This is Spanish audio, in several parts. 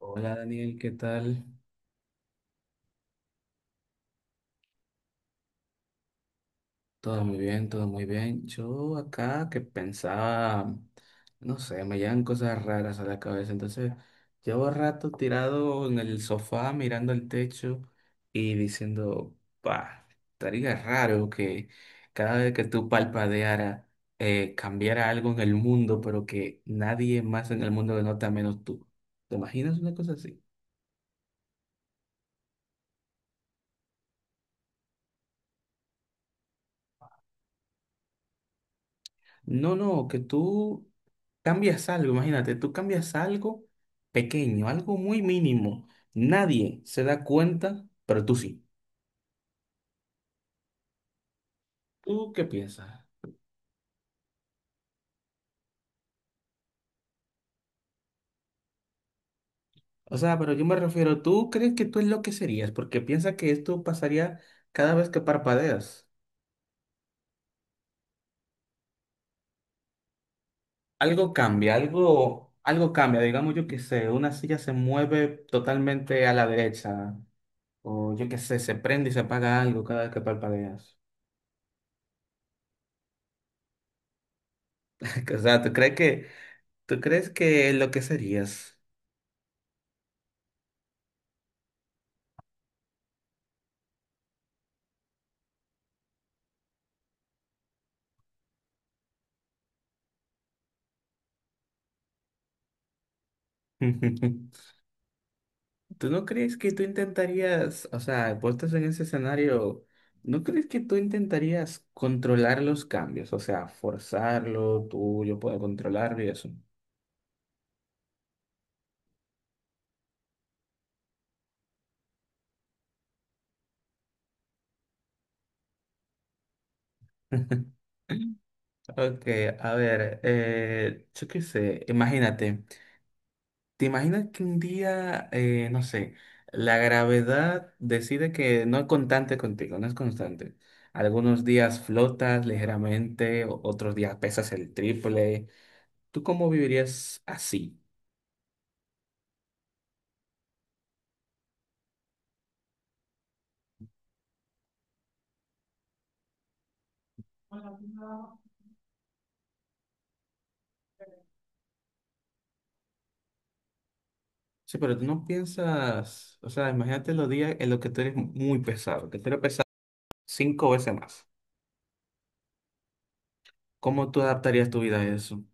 Hola Daniel, ¿qué tal? Todo muy bien, todo muy bien. Yo acá que pensaba, no sé, me llegan cosas raras a la cabeza. Entonces, llevo rato tirado en el sofá mirando el techo y diciendo, pa, estaría raro que cada vez que tú palpadeara cambiara algo en el mundo, pero que nadie más en el mundo lo nota menos tú. ¿Te imaginas una cosa así? No, no, que tú cambias algo, imagínate, tú cambias algo pequeño, algo muy mínimo. Nadie se da cuenta, pero tú sí. ¿Tú qué piensas? O sea, pero yo me refiero, ¿tú crees que tú es lo que serías? Porque piensa que esto pasaría cada vez que parpadeas. Algo cambia, algo, algo cambia. Digamos, yo qué sé, una silla se mueve totalmente a la derecha. O yo qué sé, se prende y se apaga algo cada vez que parpadeas. O sea, ¿tú crees que... ¿Tú crees que lo que serías? ¿Tú no crees que tú intentarías, o sea, puestos en ese escenario, ¿no crees que tú intentarías controlar los cambios? O sea, forzarlo, tú, yo puedo controlarlo y eso. Ok, a ver, yo qué sé, imagínate. ¿Te imaginas que un día, no sé, la gravedad decide que no es constante contigo, no es constante? Algunos días flotas ligeramente, otros días pesas el triple. ¿Tú cómo vivirías así? Sí, pero tú no piensas, o sea, imagínate los días en los que tú eres muy pesado, que tú eres pesado cinco veces más. ¿Cómo tú adaptarías tu vida a eso?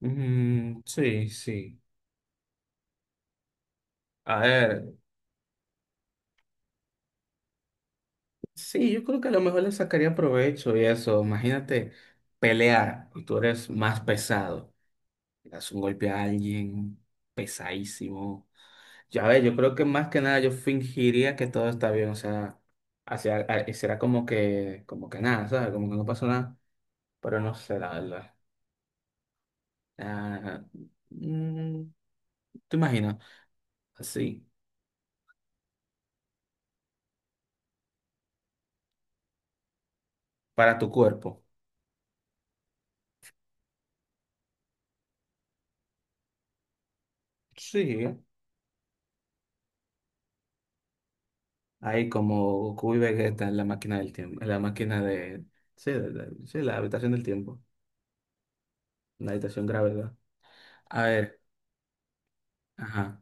Mm, sí, sí. A ver. Sí, yo creo que a lo mejor le sacaría provecho y eso. Imagínate pelear y tú eres más pesado. Le das un golpe a alguien pesadísimo. Ya ves, yo creo que más que nada yo fingiría que todo está bien. O sea, hacia, será como que nada, ¿sabes? Como que no pasó nada. Pero no sé, la verdad. Ah, mm, ¿te imaginas? Así, para tu cuerpo. Sí. Ahí como Goku y Vegeta en la máquina del tiempo, en la máquina de... Sí, sí, la habitación del tiempo, la habitación gravedad. A ver, ajá.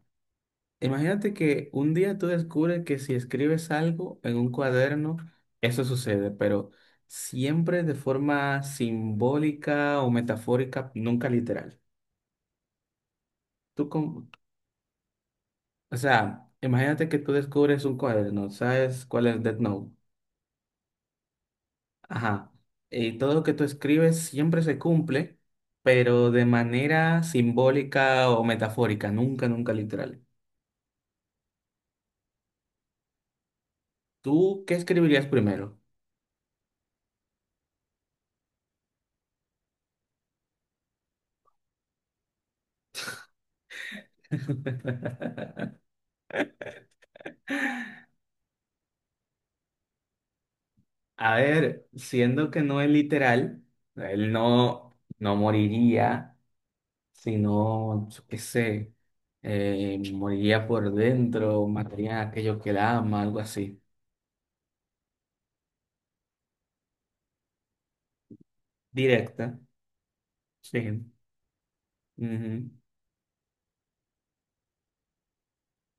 Imagínate que un día tú descubres que si escribes algo en un cuaderno, eso sucede, pero siempre de forma simbólica o metafórica, nunca literal. Tú con... O sea, imagínate que tú descubres un cuaderno, ¿sabes cuál es Death Note? Ajá. Y todo lo que tú escribes siempre se cumple, pero de manera simbólica o metafórica, nunca, nunca literal. ¿Tú qué escribirías primero? A ver, siendo que no es literal, él no, no moriría, sino, yo qué sé, moriría por dentro, mataría a aquello que la ama, algo así. Directa, sí. Ujú.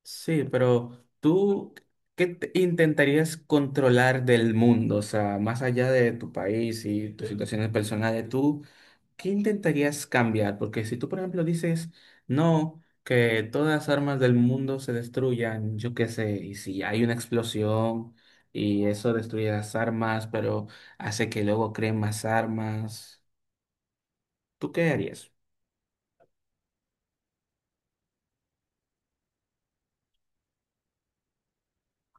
Sí, pero tú, ¿qué intentarías controlar del mundo? O sea, más allá de tu país y tus situaciones personales, tú, ¿qué intentarías cambiar? Porque si tú, por ejemplo, dices, no, que todas las armas del mundo se destruyan, yo qué sé, y si hay una explosión y eso destruye las armas, pero hace que luego creen más armas, ¿tú qué harías?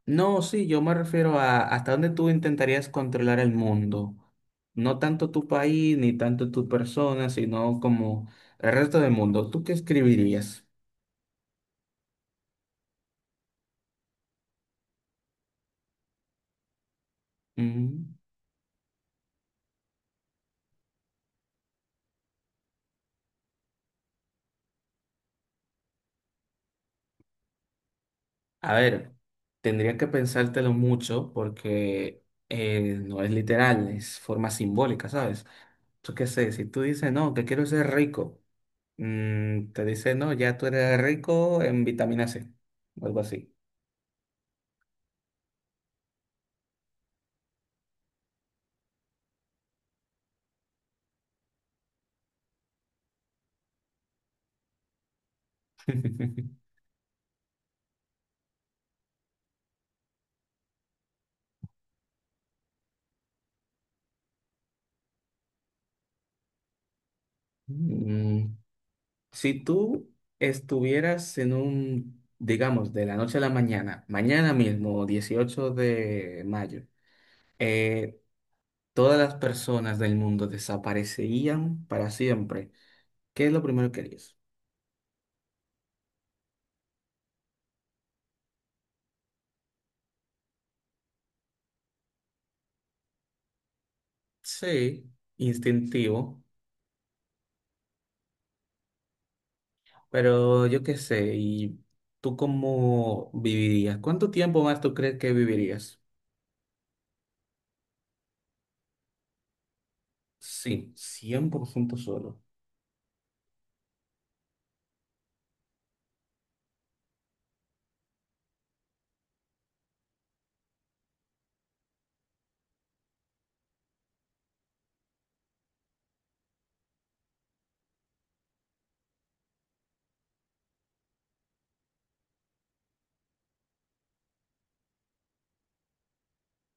No, sí, yo me refiero a hasta dónde tú intentarías controlar el mundo. No tanto tu país, ni tanto tu persona, sino como el resto del mundo. ¿Tú qué escribirías? Mm, A ver, tendría que pensártelo mucho porque no es literal, es forma simbólica, ¿sabes? Yo qué sé, si tú dices, no, que quiero ser rico, te dice, no, ya tú eres rico en vitamina C, o algo así. Mm, Si tú estuvieras en un, digamos, de la noche a la mañana, mañana mismo, 18 de mayo, eh, todas las personas del mundo desaparecerían para siempre, ¿qué es lo primero que harías? Sí, instintivo, pero yo qué sé, ¿y tú cómo vivirías? ¿Cuánto tiempo más tú crees que vivirías? Sí, 100% solo.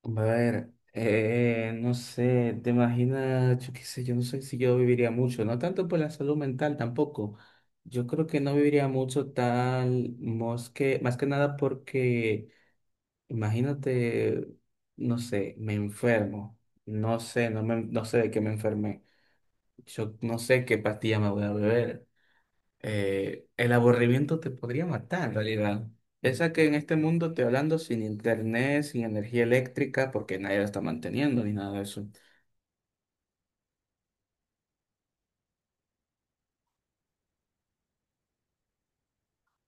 A ver, no sé, te imaginas, yo qué sé, yo no sé si yo viviría mucho, no tanto por la salud mental tampoco. Yo creo que no viviría mucho tal, más que nada porque, imagínate, no sé, me enfermo, no sé, no, me, no sé de qué me enfermé, yo no sé qué pastilla me voy a beber. El aburrimiento te podría matar, en realidad. Esa que en este mundo estoy hablando sin internet, sin energía eléctrica, porque nadie la está manteniendo ni nada de eso.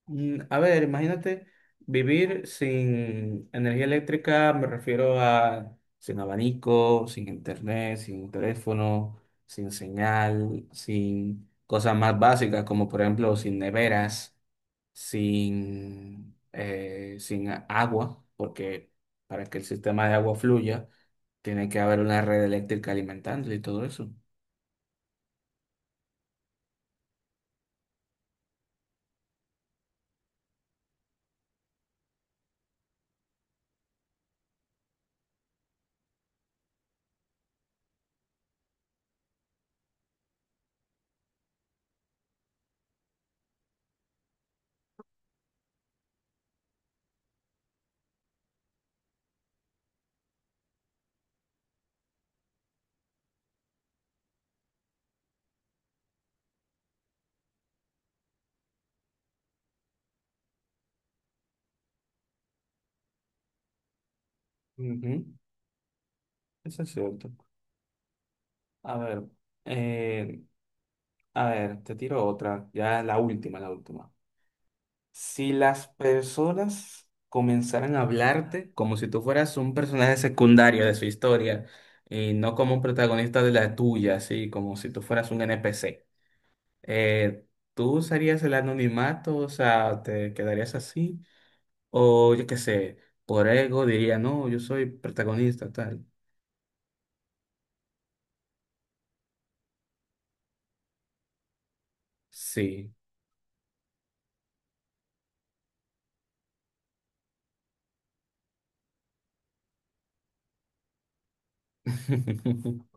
Mm, a ver, imagínate vivir sin energía eléctrica, me refiero a sin abanico, sin internet, sin teléfono, sin señal, sin cosas más básicas, como por ejemplo sin neveras. Sin, sin agua, porque para que el sistema de agua fluya, tiene que haber una red eléctrica alimentándole y todo eso. Ujú, eso es cierto. A ver, eh, a ver, te tiro otra, ya la última, la última. Si las personas comenzaran a hablarte como si tú fueras un personaje secundario de su historia y no como un protagonista de la tuya, así como si tú fueras un NPC. Eh, ¿Tú usarías el anonimato? O sea, ¿te quedarías así? O yo qué sé, por ego diría, no, yo soy protagonista, tal. Sí.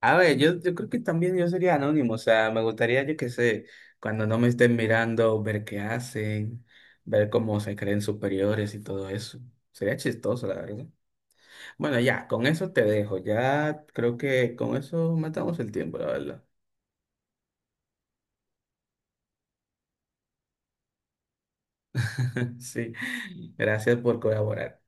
A ver, yo creo que también yo sería anónimo, o sea, me gustaría, yo qué sé, cuando no me estén mirando, ver qué hacen, ver cómo se creen superiores y todo eso. Sería chistoso, la verdad. Bueno, ya, con eso te dejo, ya creo que con eso matamos el tiempo, la verdad. Sí, gracias por colaborar.